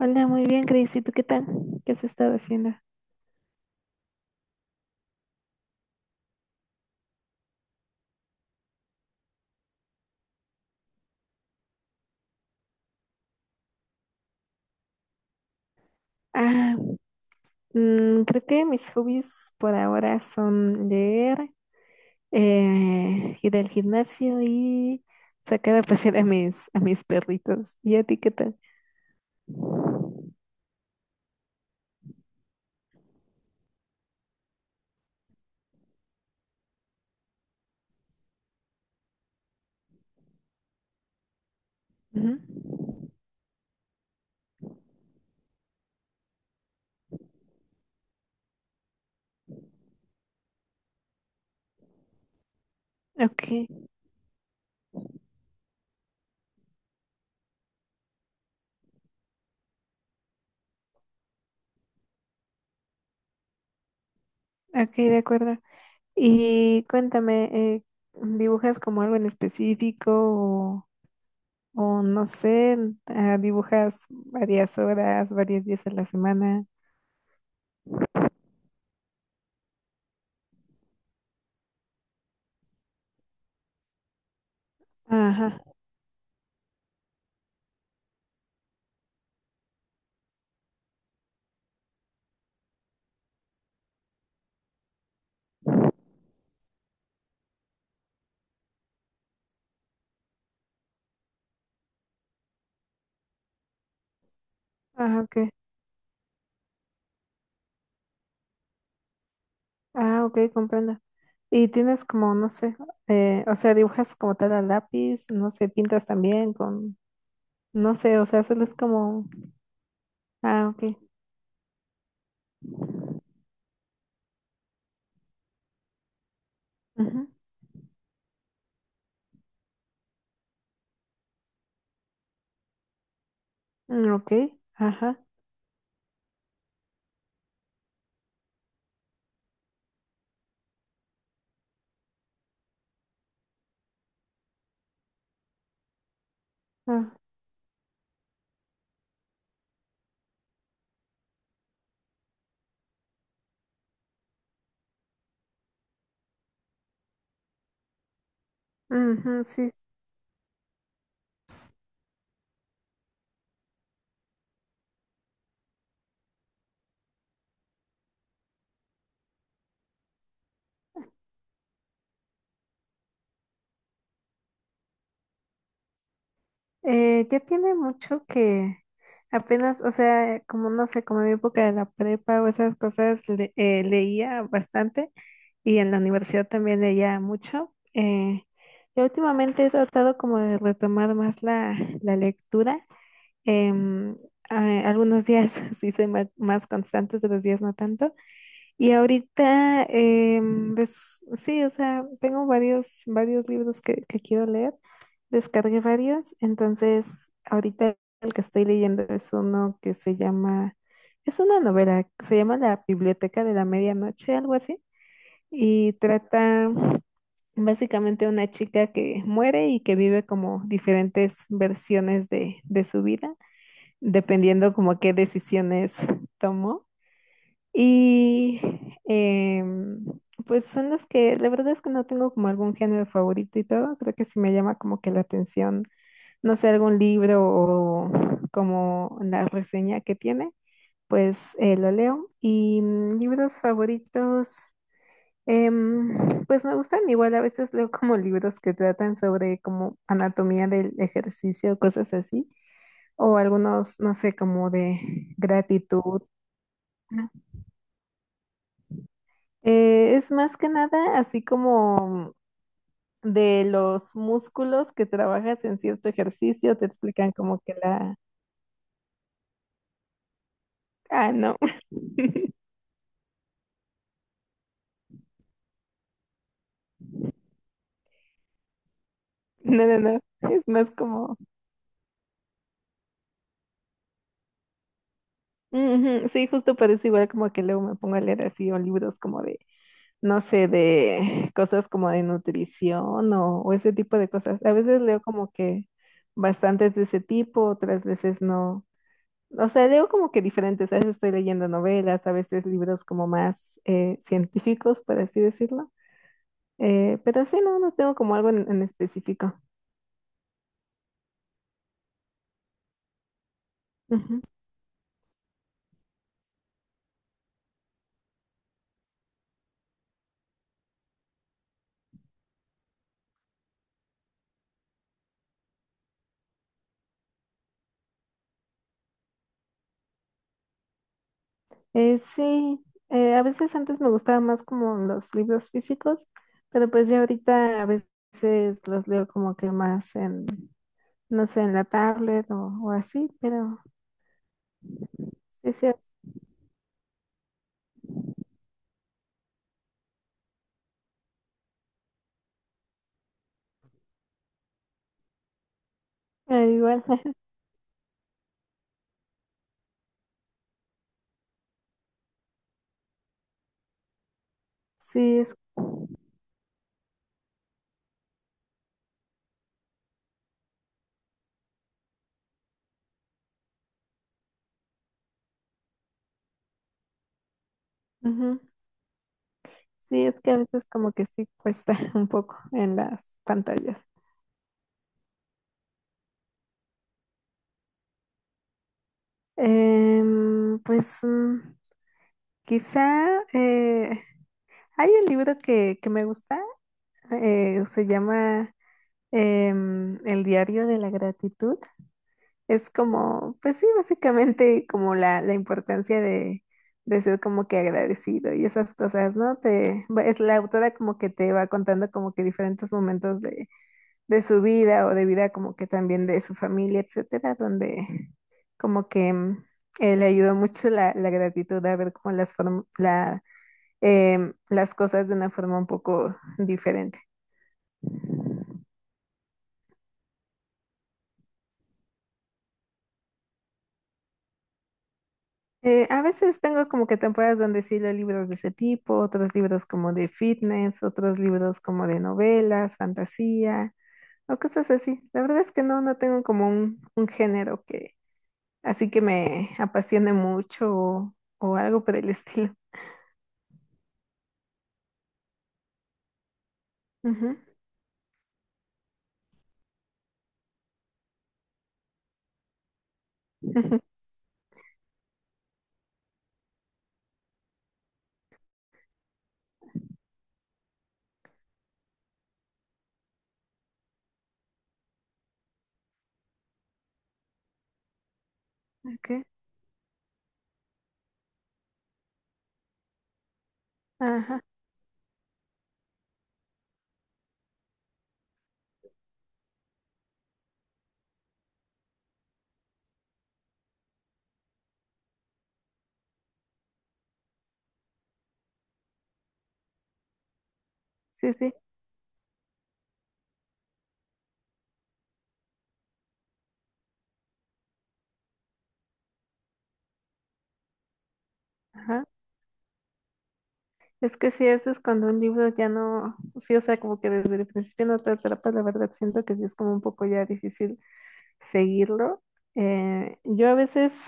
Hola, muy bien, Cris. ¿Y tú qué tal? ¿Qué has estado haciendo? Ah, Creo que mis hobbies por ahora son leer, ir al gimnasio y sacar a pasear a mis perritos. ¿Y a ti qué tal? Ujú. Ok. Ok, de acuerdo. Y cuéntame, eh, ¿dibujas como algo en específico o no sé, dibujas varias horas, varios días a la semana? Ajá. Ah, ok. Ah, ok, comprendo. Y tienes como, no sé, o sea, dibujas como tal a lápiz, no sé, pintas también con, no sé, o sea, solo es como, ah, ok. Ujú. Mm, ok, ajá. Ah, ujú, sí. Ya tiene mucho que apenas, o sea, como no sé, como en mi época de la prepa o esas cosas, leía bastante y en la universidad también leía mucho. Yo últimamente he tratado como de retomar más la lectura. em, Algunos días sí soy más constante, otros días no tanto. Y ahorita, sí, o sea, tengo varios libros que quiero leer. Descargué varios, entonces ahorita el que estoy leyendo es uno que se llama, es una novela, se llama La Biblioteca de la Medianoche, algo así, y trata básicamente una chica que muere y que vive como diferentes versiones de su vida, dependiendo como qué decisiones tomó. Y em, pues son las que, la verdad es que no tengo como algún género favorito y todo, creo que sí me llama como que la atención, no sé, algún libro o como la reseña que tiene, pues lo leo. Y libros favoritos, em, pues me gustan, igual a veces leo como libros que tratan sobre como anatomía del ejercicio, cosas así, o algunos, no sé, como de gratitud. Es más que nada así como de los músculos que trabajas en cierto ejercicio, te explican como que la... Ah, no, no, no, no, es más como... Ujú. Sí, justo parece igual como que luego me pongo a leer así o libros como de, no sé, de cosas como de nutrición o ese tipo de cosas. A veces leo como que bastantes de ese tipo, otras veces no. O sea, leo como que diferentes, a veces estoy leyendo novelas, a veces libros como más científicos, por así decirlo. Pero sí, no, no tengo como algo en específico. Ujú. Sí, a veces antes me gustaban más como los libros físicos, pero pues ya ahorita a veces los leo como que más en, no sé, en la tablet o así, pero sí, sí, igual, sí, es, ujú. Sí, es que a veces como que sí cuesta un poco en las pantallas. Pues quizá hay un libro que me gusta, se llama El diario de la gratitud. Es como, pues sí, básicamente como la importancia de ser como que agradecido y esas cosas, ¿no? Es la autora como que te va contando como que diferentes momentos de su vida o de vida como que también de su familia, etcétera, donde como que le ayudó mucho la gratitud a ver como las cosas de una forma un poco diferente. A veces tengo como que temporadas donde sí leo libros de ese tipo, otros libros como de fitness, otros libros como de novelas, fantasía o cosas así. La verdad es que no, no tengo como un género que así que me apasione mucho o algo por el estilo. Ujú, ujú, ok. Ajá, sí, sí, ajá. Es que sí, eso es cuando un libro ya no, sí, o sea, como que desde el principio no te atrapa, la verdad siento que sí es como un poco ya difícil seguirlo. Yo a veces,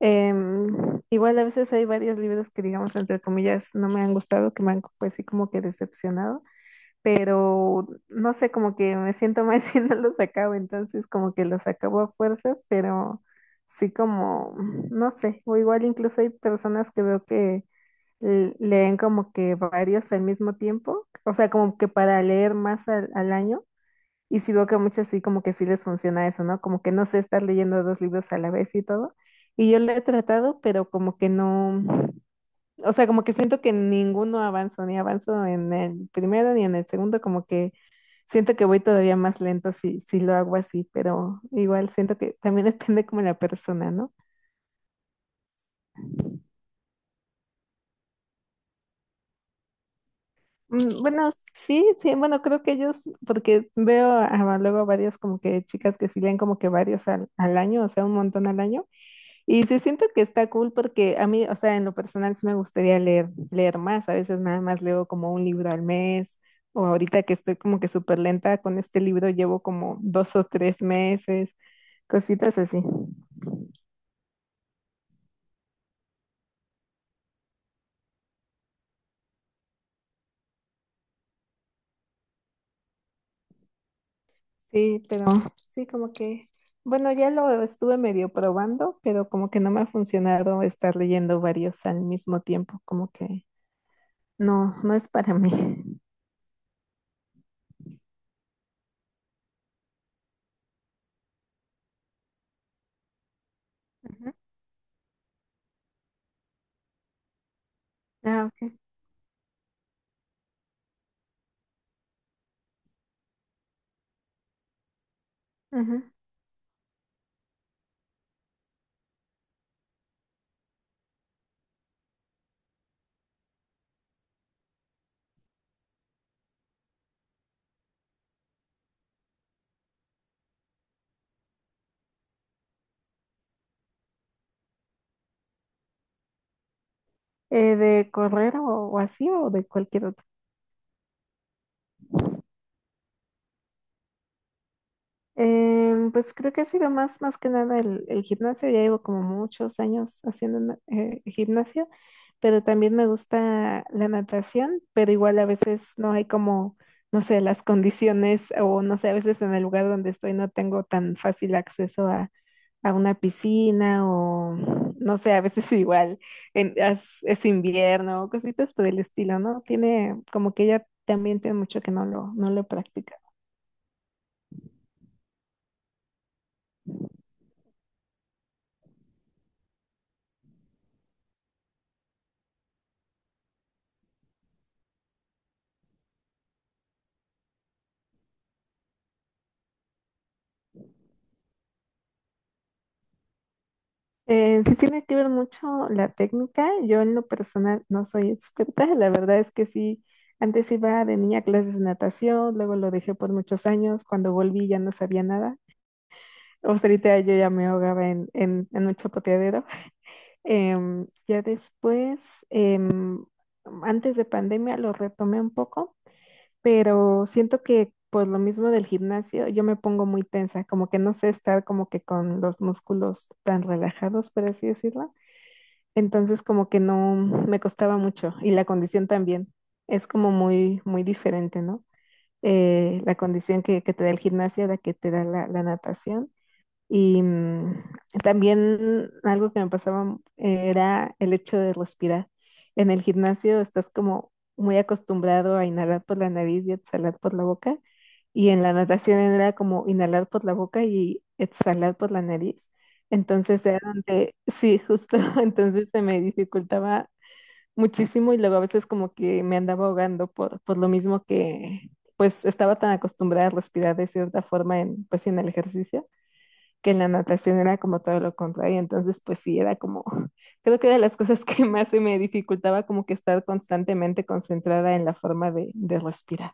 igual a veces hay varios libros que digamos, entre comillas, no me han gustado, que me han pues sí como que decepcionado. Pero no sé, como que me siento mal si no los acabo, entonces como que los acabo a fuerzas, pero sí como, no sé, o igual incluso hay personas que veo que leen como que varios al mismo tiempo, o sea, como que para leer más al año, y sí veo que a muchos sí como que sí les funciona eso, ¿no? Como que no sé estar leyendo dos libros a la vez y todo, y yo lo he tratado, pero como que no... O sea, como que siento que ninguno avanzó, ni avanzo en el primero ni en el segundo, como que siento que voy todavía más lento si lo hago así, pero igual siento que también depende como la persona, ¿no? Mm, bueno, sí, sí, bueno, creo que ellos, porque veo luego varias como que chicas que sí leen como que varios al año, o sea, un montón al año, y sí siento que está cool porque a mí, o sea, en lo personal sí me gustaría leer, leer más, a veces nada más leo como un libro al mes, o ahorita que estoy como que súper lenta con este libro, llevo como dos o tres meses, cositas así. Sí, pero sí, como que, bueno, ya lo estuve medio probando, pero como que no me ha funcionado estar leyendo varios al mismo tiempo, como que no, no es para mí. Ujú. Ah, ok. Ujú. ¿De correr o así o de cualquier pues creo que ha sido más, más que nada el gimnasio. Ya llevo como muchos años haciendo gimnasio, pero también me gusta la natación, pero igual a veces no hay como, no sé, las condiciones o no sé, a veces en el lugar donde estoy no tengo tan fácil acceso a una piscina o no sé, a veces igual es invierno o cositas por el estilo, ¿no? Tiene como que ya también tiene mucho que no no lo practico. Sí tiene que ver mucho la técnica. Yo en lo personal no soy experta. La verdad es que sí, antes iba de niña a clases de natación, luego lo dejé por muchos años. Cuando volví ya no sabía nada. O sea, ahorita yo ya me ahogaba en un chapoteadero. Em, ya después, em, antes de pandemia lo retomé un poco, pero siento que por lo mismo del gimnasio yo me pongo muy tensa, como que no sé estar como que con los músculos tan relajados, por así decirlo. Entonces como que no me costaba mucho y la condición también es como muy, muy diferente, ¿no? La condición que te da el gimnasio a la que te da la natación. Y también algo que me pasaba era el hecho de respirar. En el gimnasio estás como muy acostumbrado a inhalar por la nariz y exhalar por la boca. Y en la natación era como inhalar por la boca y exhalar por la nariz. Entonces era donde, sí, justo, entonces se me dificultaba muchísimo y luego a veces como que me andaba ahogando por lo mismo que pues estaba tan acostumbrada a respirar de cierta forma en, pues, en el ejercicio, que en la natación era como todo lo contrario, entonces pues sí, era como, creo que era de las cosas que más se me dificultaba como que estar constantemente concentrada en la forma de respirar.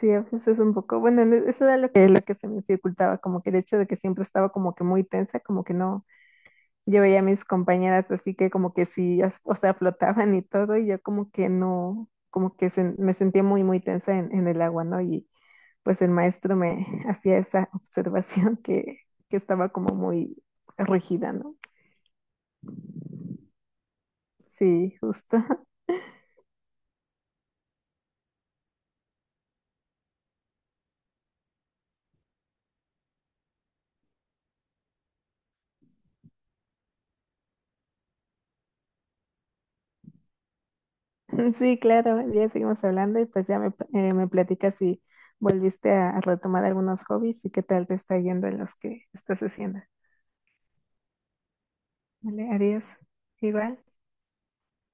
Sí, a veces es un poco, bueno, eso era lo que se me dificultaba, como que el hecho de que siempre estaba como que muy tensa, como que no, yo veía a mis compañeras así que como que sí, o sea, flotaban y todo, y yo como que no, como que se, me sentía muy, muy tensa en el agua, ¿no? Y pues el maestro me hacía esa observación que estaba como muy rígida, ¿no? Sí, justo. Sí, claro, ya seguimos hablando y pues ya me, me platicas si volviste a retomar algunos hobbies y qué tal te está yendo en los que estás haciendo. Vale, adiós. Igual.